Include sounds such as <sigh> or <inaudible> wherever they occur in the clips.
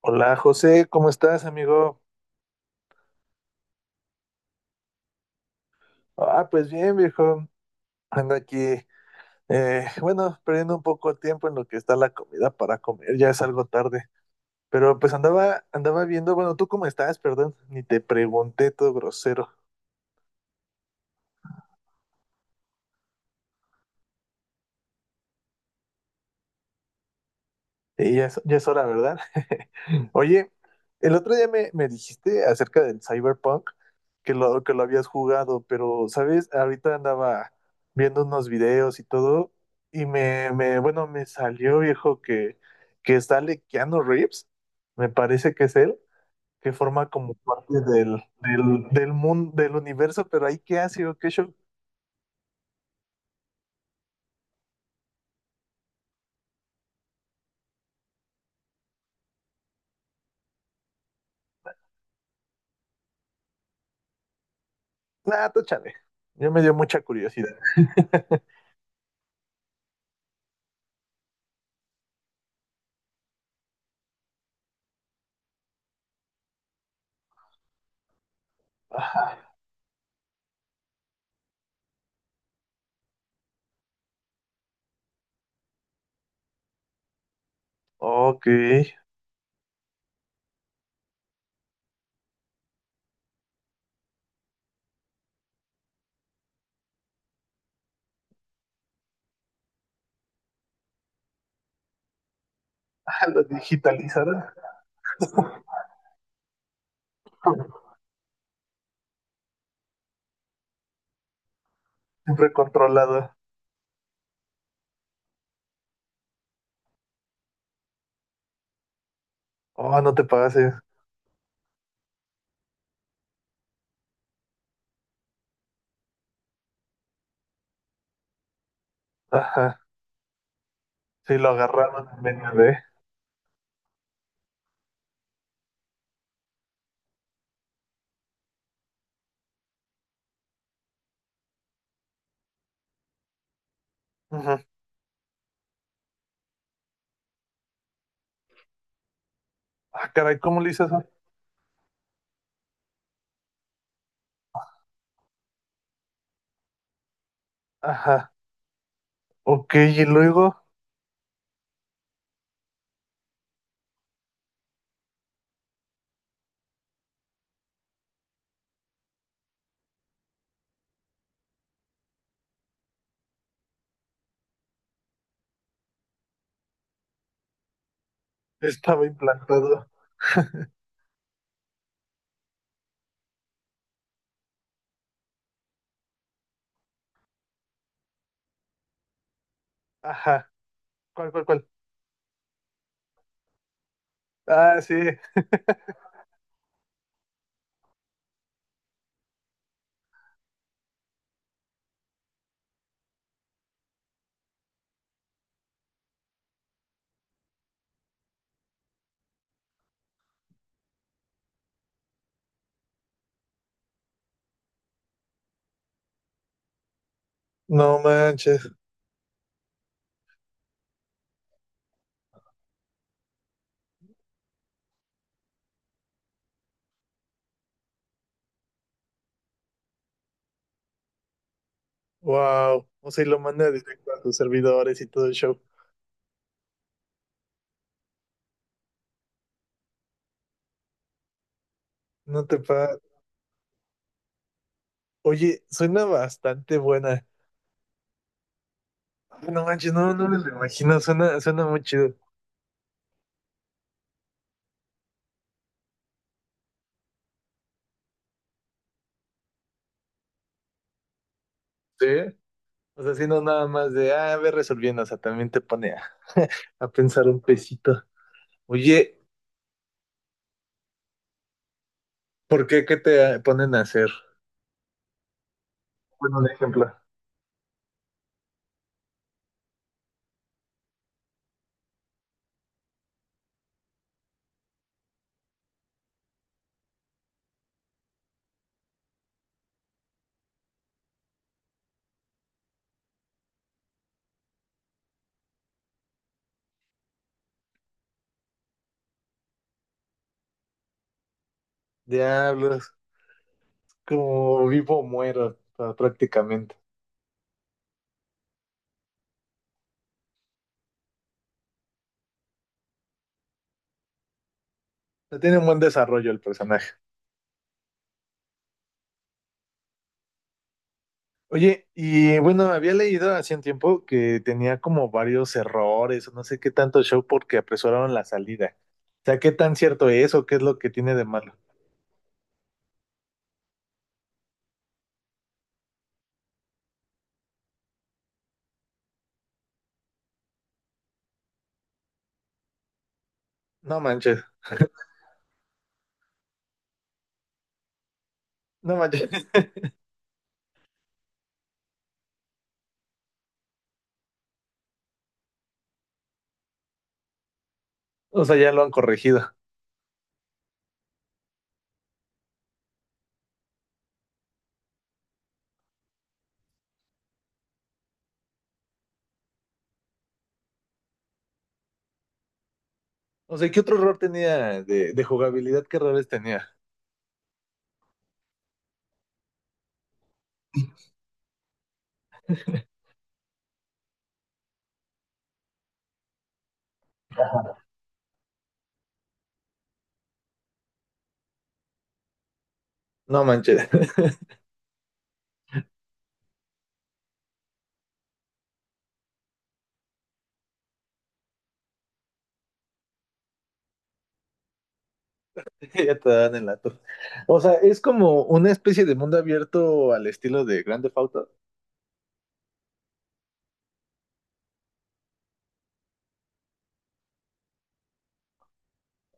Hola José, ¿cómo estás, amigo? Ah, pues bien, viejo. Ando aquí, bueno, perdiendo un poco de tiempo en lo que está la comida para comer, ya es algo tarde. Pero pues andaba viendo, bueno, ¿tú cómo estás? Perdón, ni te pregunté todo grosero. Sí, ya es hora, ¿verdad? <laughs> Oye, el otro día me dijiste acerca del Cyberpunk, que lo habías jugado, pero, ¿sabes? Ahorita andaba viendo unos videos y todo, y me salió, viejo, que sale Keanu Reeves, me parece que es él, que forma como parte del mundo, del universo, pero ahí, ¿qué hace o qué show? Nah, tú chale. Yo me dio mucha curiosidad. <laughs> Ajá. Ok. Ah, lo digitalizaron. Siempre controlado. Oh, no te pases. Ajá. Sí, lo agarraron en medio de. Ujú. Ah, caray, ¿cómo le hice eso? Ajá. Ok, y luego estaba implantado. Ajá. ¿Cuál, cuál, cuál? Ah, sí. No manches. Wow. O sea, y lo manda directo a sus servidores y todo el show. No te pases. Oye, suena bastante buena. Ah, no manches, no, no me lo imagino. Suena, suena muy chido. Sí. O sea, si no nada más de, ah, a ver resolviendo, o sea, también te pone a, <laughs> a pensar un pesito. Oye, ¿por qué te ponen a hacer? Bueno, un ejemplo. Diablos, como vivo o muero, prácticamente. O sea, tiene un buen desarrollo el personaje. Oye, y bueno, había leído hace un tiempo que tenía como varios errores, o no sé qué tanto show porque apresuraron la salida. O sea, ¿qué tan cierto es o qué es lo que tiene de malo? No manches, no manches. <laughs> O sea, ya lo han corregido. O sea, ¿qué otro error tenía de jugabilidad? ¿Qué errores tenía? No manches, <laughs> ya te dan el dato. O sea, es como una especie de mundo abierto al estilo de Grand Theft Auto.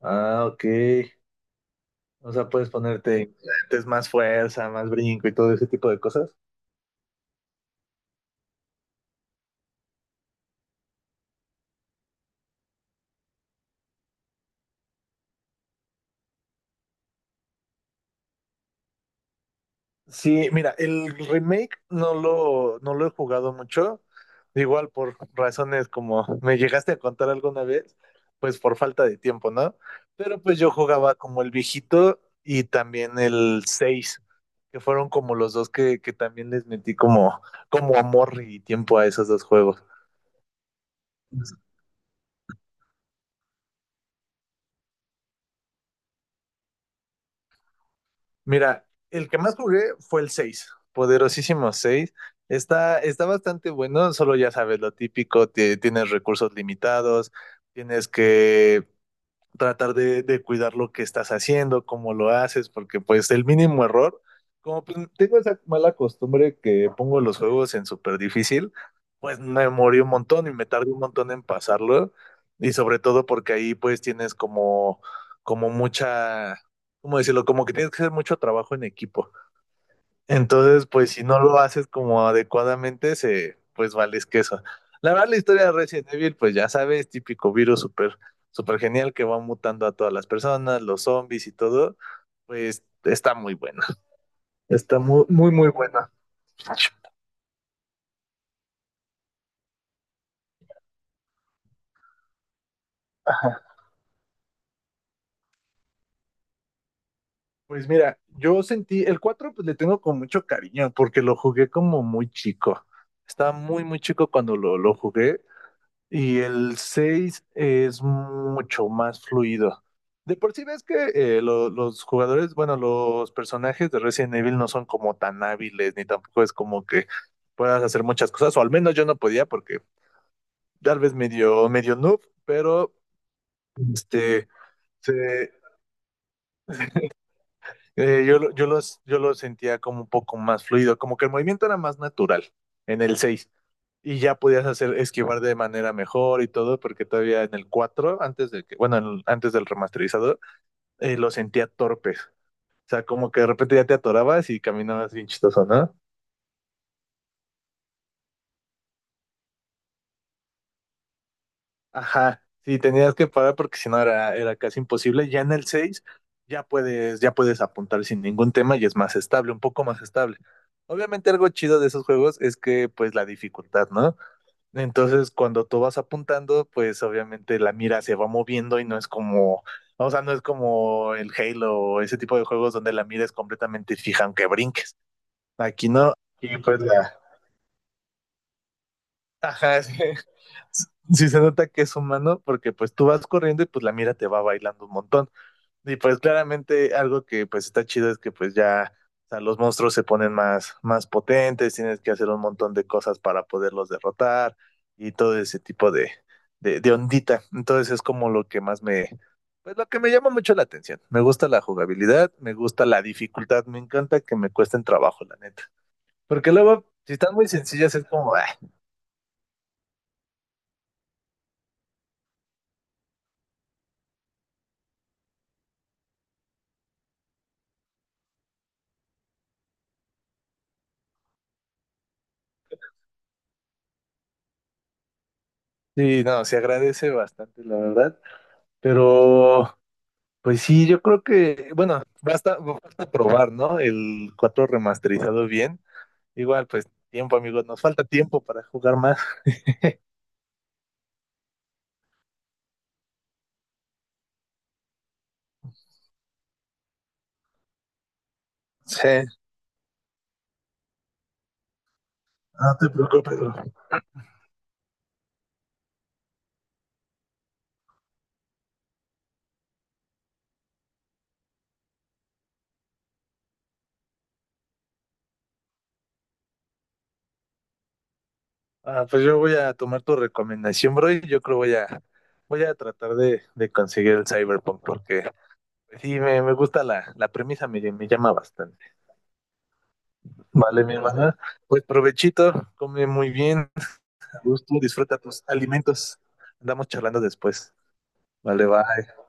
Ah, ok. O sea, puedes ponerte implantes, más fuerza, más brinco y todo ese tipo de cosas. Sí, mira, el remake no lo he jugado mucho, igual por razones como me llegaste a contar alguna vez, pues por falta de tiempo, ¿no? Pero pues yo jugaba como el viejito y también el 6, que fueron como los dos que también les metí como, como amor y tiempo a esos dos juegos. Mira, el que más jugué fue el 6, poderosísimo 6. Está bastante bueno, solo ya sabes, lo típico, tienes recursos limitados, tienes que tratar de cuidar lo que estás haciendo, cómo lo haces, porque pues el mínimo error, como pues, tengo esa mala costumbre que pongo los juegos en súper difícil, pues me morí un montón y me tardé un montón en pasarlo. Y sobre todo porque ahí pues tienes como, como mucha, ¿cómo decirlo? Como que tienes que hacer mucho trabajo en equipo. Entonces, pues si no lo haces como adecuadamente, se, pues vales queso. La verdad, la historia de Resident Evil, pues ya sabes, típico virus súper, súper genial que va mutando a todas las personas, los zombies y todo, pues está muy buena. Está muy buena. Ajá. Pues mira, yo sentí, el 4 pues le tengo con mucho cariño porque lo jugué como muy chico. Estaba muy chico cuando lo jugué. Y el 6 es mucho más fluido. De por sí ves que los jugadores, bueno, los personajes de Resident Evil no son como tan hábiles, ni tampoco es como que puedas hacer muchas cosas, o al menos yo no podía porque tal vez medio noob, pero este, se- yo lo sentía como un poco más fluido, como que el movimiento era más natural en el 6 y ya podías hacer esquivar de manera mejor y todo, porque todavía en el 4 antes de que, bueno, antes del remasterizador, lo sentía torpes. O sea, como que de repente ya te atorabas y caminabas bien chistoso, ¿no? Ajá. Sí, tenías que parar porque si no era, era casi imposible. Ya en el 6 ya puedes apuntar sin ningún tema y es más estable, un poco más estable. Obviamente algo chido de esos juegos es que pues la dificultad, ¿no? Entonces, cuando tú vas apuntando, pues obviamente la mira se va moviendo y no es como, o sea, no es como el Halo o ese tipo de juegos donde la mira es completamente fija, aunque brinques. Aquí no. Y pues la... Ajá, sí, <laughs> sí se nota que es humano porque pues tú vas corriendo y pues la mira te va bailando un montón. Y pues claramente algo que pues está chido es que pues ya, o sea, los monstruos se ponen más, más potentes, tienes que hacer un montón de cosas para poderlos derrotar y todo ese tipo de, de ondita. Entonces es como lo que más me, pues lo que me llama mucho la atención. Me gusta la jugabilidad, me gusta la dificultad, me encanta que me cuesten trabajo, la neta. Porque luego, si están muy sencillas, es como, "Ah". Sí, no, se agradece bastante, la verdad. Pero pues sí, yo creo que, bueno, basta probar, ¿no? El 4 remasterizado bien. Igual, pues tiempo, amigos, nos falta tiempo para jugar más. <laughs> Sí, no te preocupes, bro. Ah, pues yo voy a tomar tu recomendación, bro, y yo creo voy a tratar de conseguir el Cyberpunk porque pues, sí me gusta la premisa, me llama bastante. Vale, mi hermana. Pues provechito, come muy bien, a gusto, disfruta tus alimentos. Andamos charlando después. Vale, bye.